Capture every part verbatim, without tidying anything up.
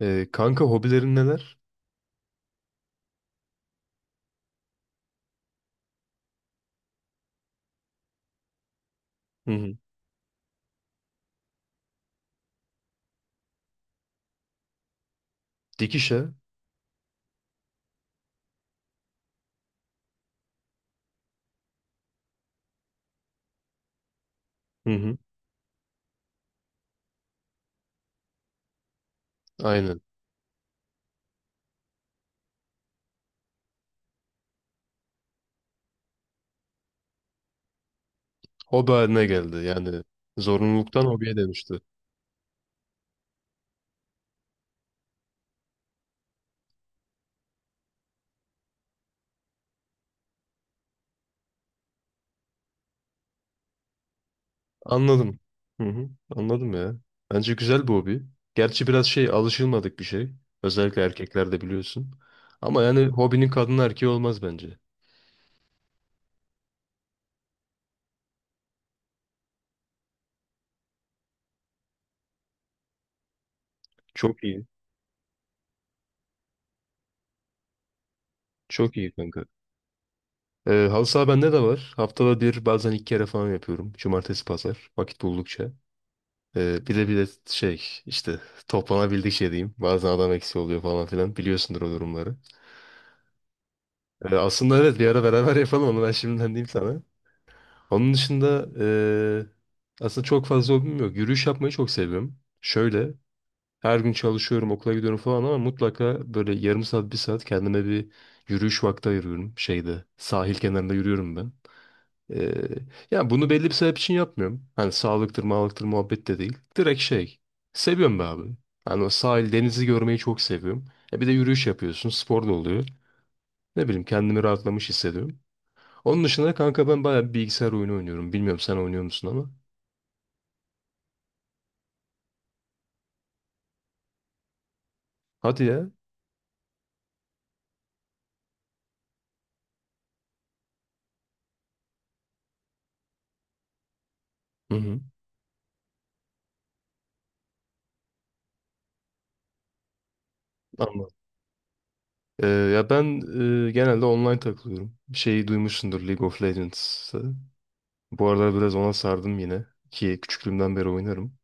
Ee, kanka hobilerin neler? Hı hı. Dikişe. Hı hı. Aynen. Hobi haline geldi. Yani zorunluluktan hobiye dönüştü. Anladım. Hı hı. Anladım ya. Bence güzel bir hobi. Gerçi biraz şey alışılmadık bir şey. Özellikle erkeklerde biliyorsun. Ama yani hobinin kadın erkeği olmaz bence. Çok iyi. Çok iyi kanka. Ee, halı saha bende de var. Haftada bir bazen iki kere falan yapıyorum. Cumartesi pazar. Vakit buldukça. Ee, bir de bir de şey işte toplanabildik şey diyeyim. Bazen adam eksiği oluyor falan filan. Biliyorsundur o durumları. Ee, aslında evet bir ara beraber yapalım onu ben şimdiden diyeyim sana. Onun dışında ee, aslında çok fazla hobim yok. Yürüyüş yapmayı çok seviyorum. Şöyle her gün çalışıyorum okula gidiyorum falan ama mutlaka böyle yarım saat bir saat kendime bir yürüyüş vakti ayırıyorum. Şeyde sahil kenarında yürüyorum ben. Ee, yani bunu belli bir sebep için yapmıyorum. Hani sağlıktır, mağlıktır muhabbet de değil. Direkt şey. Seviyorum be abi. Hani o sahil, denizi görmeyi çok seviyorum. E bir de yürüyüş yapıyorsun, spor da oluyor. Ne bileyim kendimi rahatlamış hissediyorum. Onun dışında kanka ben bayağı bir bilgisayar oyunu oynuyorum. Bilmiyorum sen oynuyor musun ama. Hadi ya. Hı hı. Anladım. Ee, ya ben e, genelde online takılıyorum. Şeyi duymuşsundur League of Legends'ı. Bu aralar biraz ona sardım yine. Ki küçüklüğümden beri oynarım.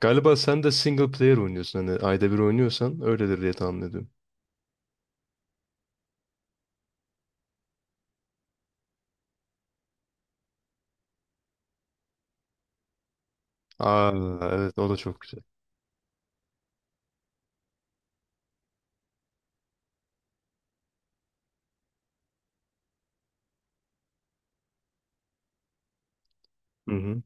Galiba sen de single player oynuyorsun. Hani ayda bir oynuyorsan öyledir diye tahmin ediyorum. Aa evet o da çok güzel. Hı hı.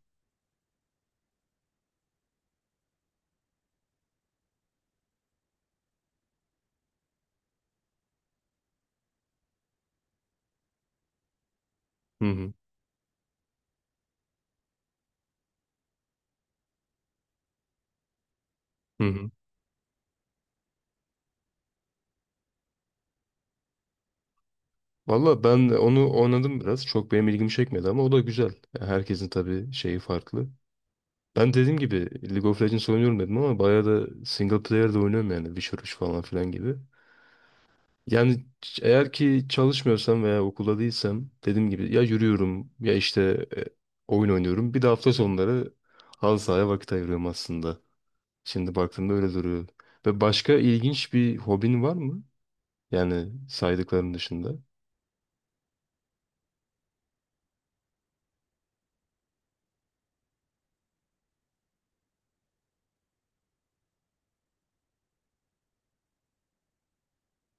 Hı hı. Hı hı. Valla ben de onu oynadım biraz. Çok benim ilgimi çekmedi ama o da güzel. Yani herkesin tabii şeyi farklı. Ben dediğim gibi League of Legends oynuyorum dedim ama bayağı da single player de oynuyorum yani. Witcher üç falan filan gibi. Yani ç- eğer ki çalışmıyorsam veya okulda değilsem dediğim gibi ya yürüyorum ya işte e, oyun oynuyorum. Bir de hafta sonları halı sahaya vakit ayırıyorum aslında. Şimdi baktığımda öyle duruyor. Ve başka ilginç bir hobin var mı? Yani saydıkların dışında.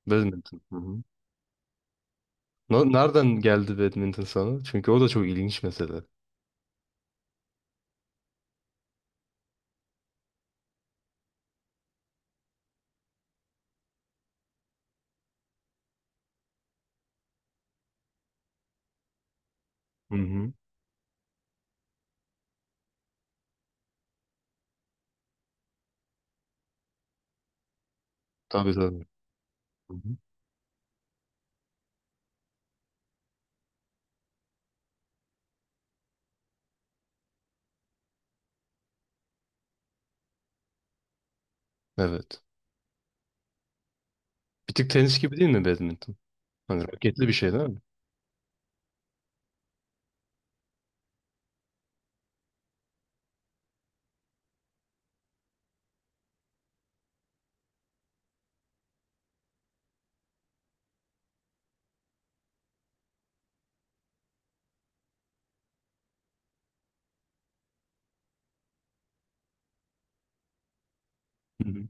Badminton. Hı hı. Na- Nereden geldi badminton sana? Çünkü o da çok ilginç mesele. Hı hı. Tabii tabii. Hı hı. Evet. Bir tık tenis gibi değil mi badminton? Hani raketli bir şey değil mi? Hı hı.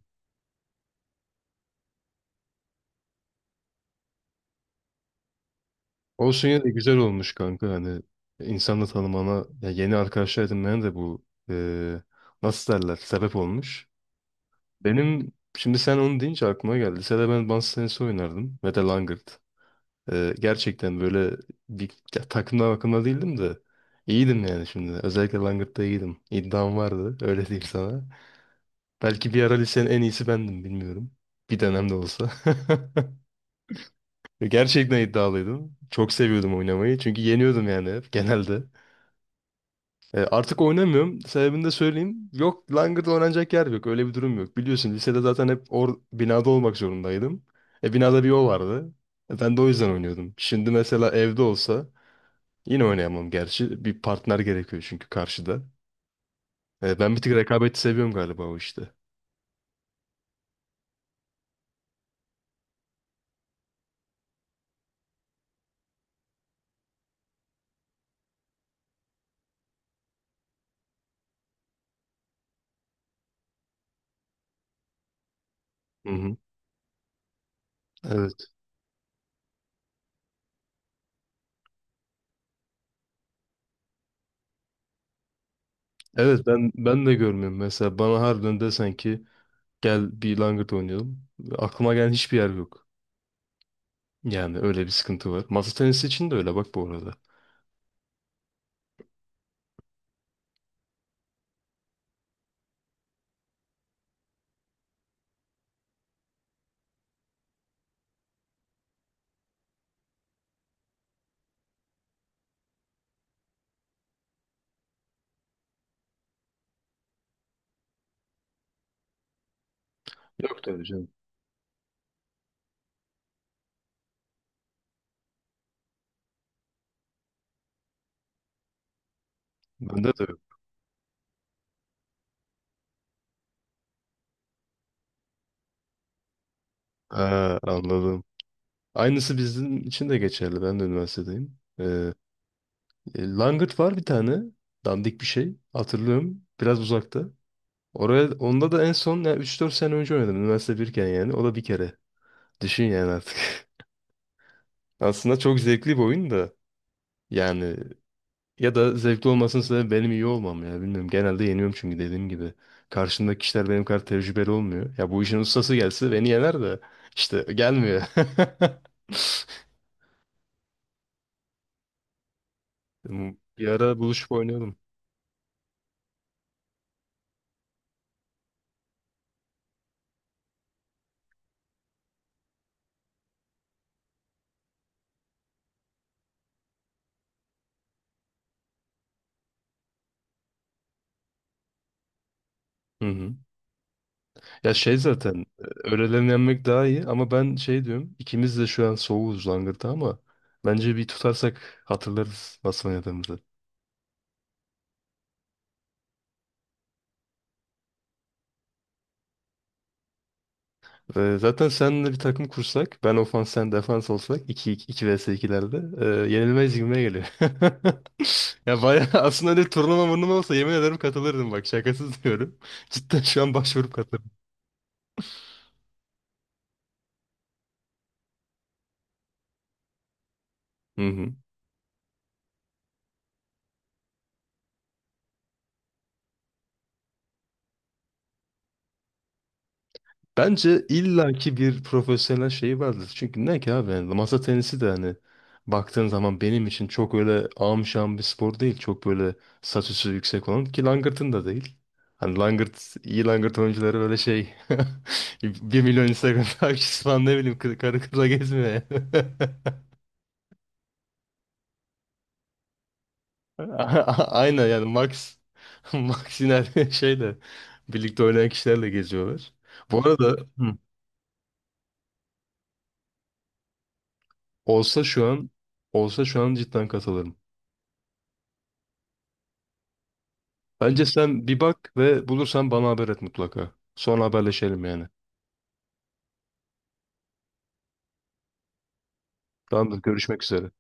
Olsun yine de güzel olmuş kanka. Hani insanla tanımana, ya yeni arkadaşlar edinmene de bu eee, nasıl derler sebep olmuş. Benim Şimdi sen onu deyince aklıma geldi. Lisede ben masa tenisi oynardım. Ve de langırt. Ee, gerçekten böyle bir ya, takımdan bakımda değildim de iyiydim yani şimdi. Özellikle Langırt'ta iyiydim. İddiam vardı. Öyle diyeyim sana. Belki bir ara lisenin en iyisi bendim bilmiyorum. Bir dönem de olsa. Gerçekten iddialıydım. Çok seviyordum oynamayı. Çünkü yeniyordum yani hep genelde. Ee, artık oynamıyorum. Sebebini de söyleyeyim. Yok Langırt oynanacak yer yok. Öyle bir durum yok. Biliyorsun lisede zaten hep or binada olmak zorundaydım. E binada bir o vardı. E, ben de o yüzden oynuyordum. Şimdi mesela evde olsa yine oynayamam gerçi. Bir partner gerekiyor çünkü karşıda. E, ben bir tık rekabeti seviyorum galiba o işte. Hı hı. Evet. Evet ben ben de görmüyorum. Mesela bana harbiden desen ki gel bir langırt oynayalım. Aklıma gelen hiçbir yer yok. Yani öyle bir sıkıntı var. Masa tenisi için de öyle bak bu arada. Yok tabii canım. Bende de yok. Ha, anladım. Aynısı bizim için de geçerli. Ben de üniversitedeyim. Ee, e, langırt var bir tane. Dandik bir şey. Hatırlıyorum. Biraz uzakta. Oraya, onda da en son yani üç dört sene önce oynadım. Üniversite birken yani. O da bir kere. Düşün yani artık. Aslında çok zevkli bir oyun da. Yani ya da zevkli olmasının sebebi benim iyi olmam ya. Bilmiyorum. Genelde yeniyorum çünkü dediğim gibi. Karşımdaki kişiler benim kadar tecrübeli olmuyor. Ya bu işin ustası gelse beni yener de işte gelmiyor. Bir ara buluşup oynayalım. Hı hı. Ya şey zaten öğlelerini yenmek daha iyi ama ben şey diyorum ikimiz de şu an soğuğuz langırta ama bence bir tutarsak hatırlarız nasıl oynadığımızı. Ee, zaten seninle bir takım kursak, ben ofans sen defans olsak iki iki vs ikilerde e, yenilmez gibime geliyor. Ya bayağı aslında öyle bir turnuva murnuva olsa yemin ederim katılırdım bak şakasız diyorum. Cidden şu an başvurup katılırım. Hı hı. Bence illaki bir profesyonel şeyi vardır. Çünkü ne ki abi yani masa tenisi de hani baktığın zaman benim için çok öyle amşan bir spor değil. Çok böyle saç üstü yüksek olan ki langırtın da değil. Hani langırt, iyi langırt oyuncuları öyle şey bir milyon Instagram takipçisi falan ne bileyim kı- karı kıza gezmiyor yani. A- Aynen yani Max Max yine şeyle birlikte oynayan kişilerle geziyorlar. Bu arada Hı. olsa şu an olsa şu an cidden katılırım. Bence sen bir bak ve bulursan bana haber et mutlaka. Sonra haberleşelim yani. Tamamdır, görüşmek üzere.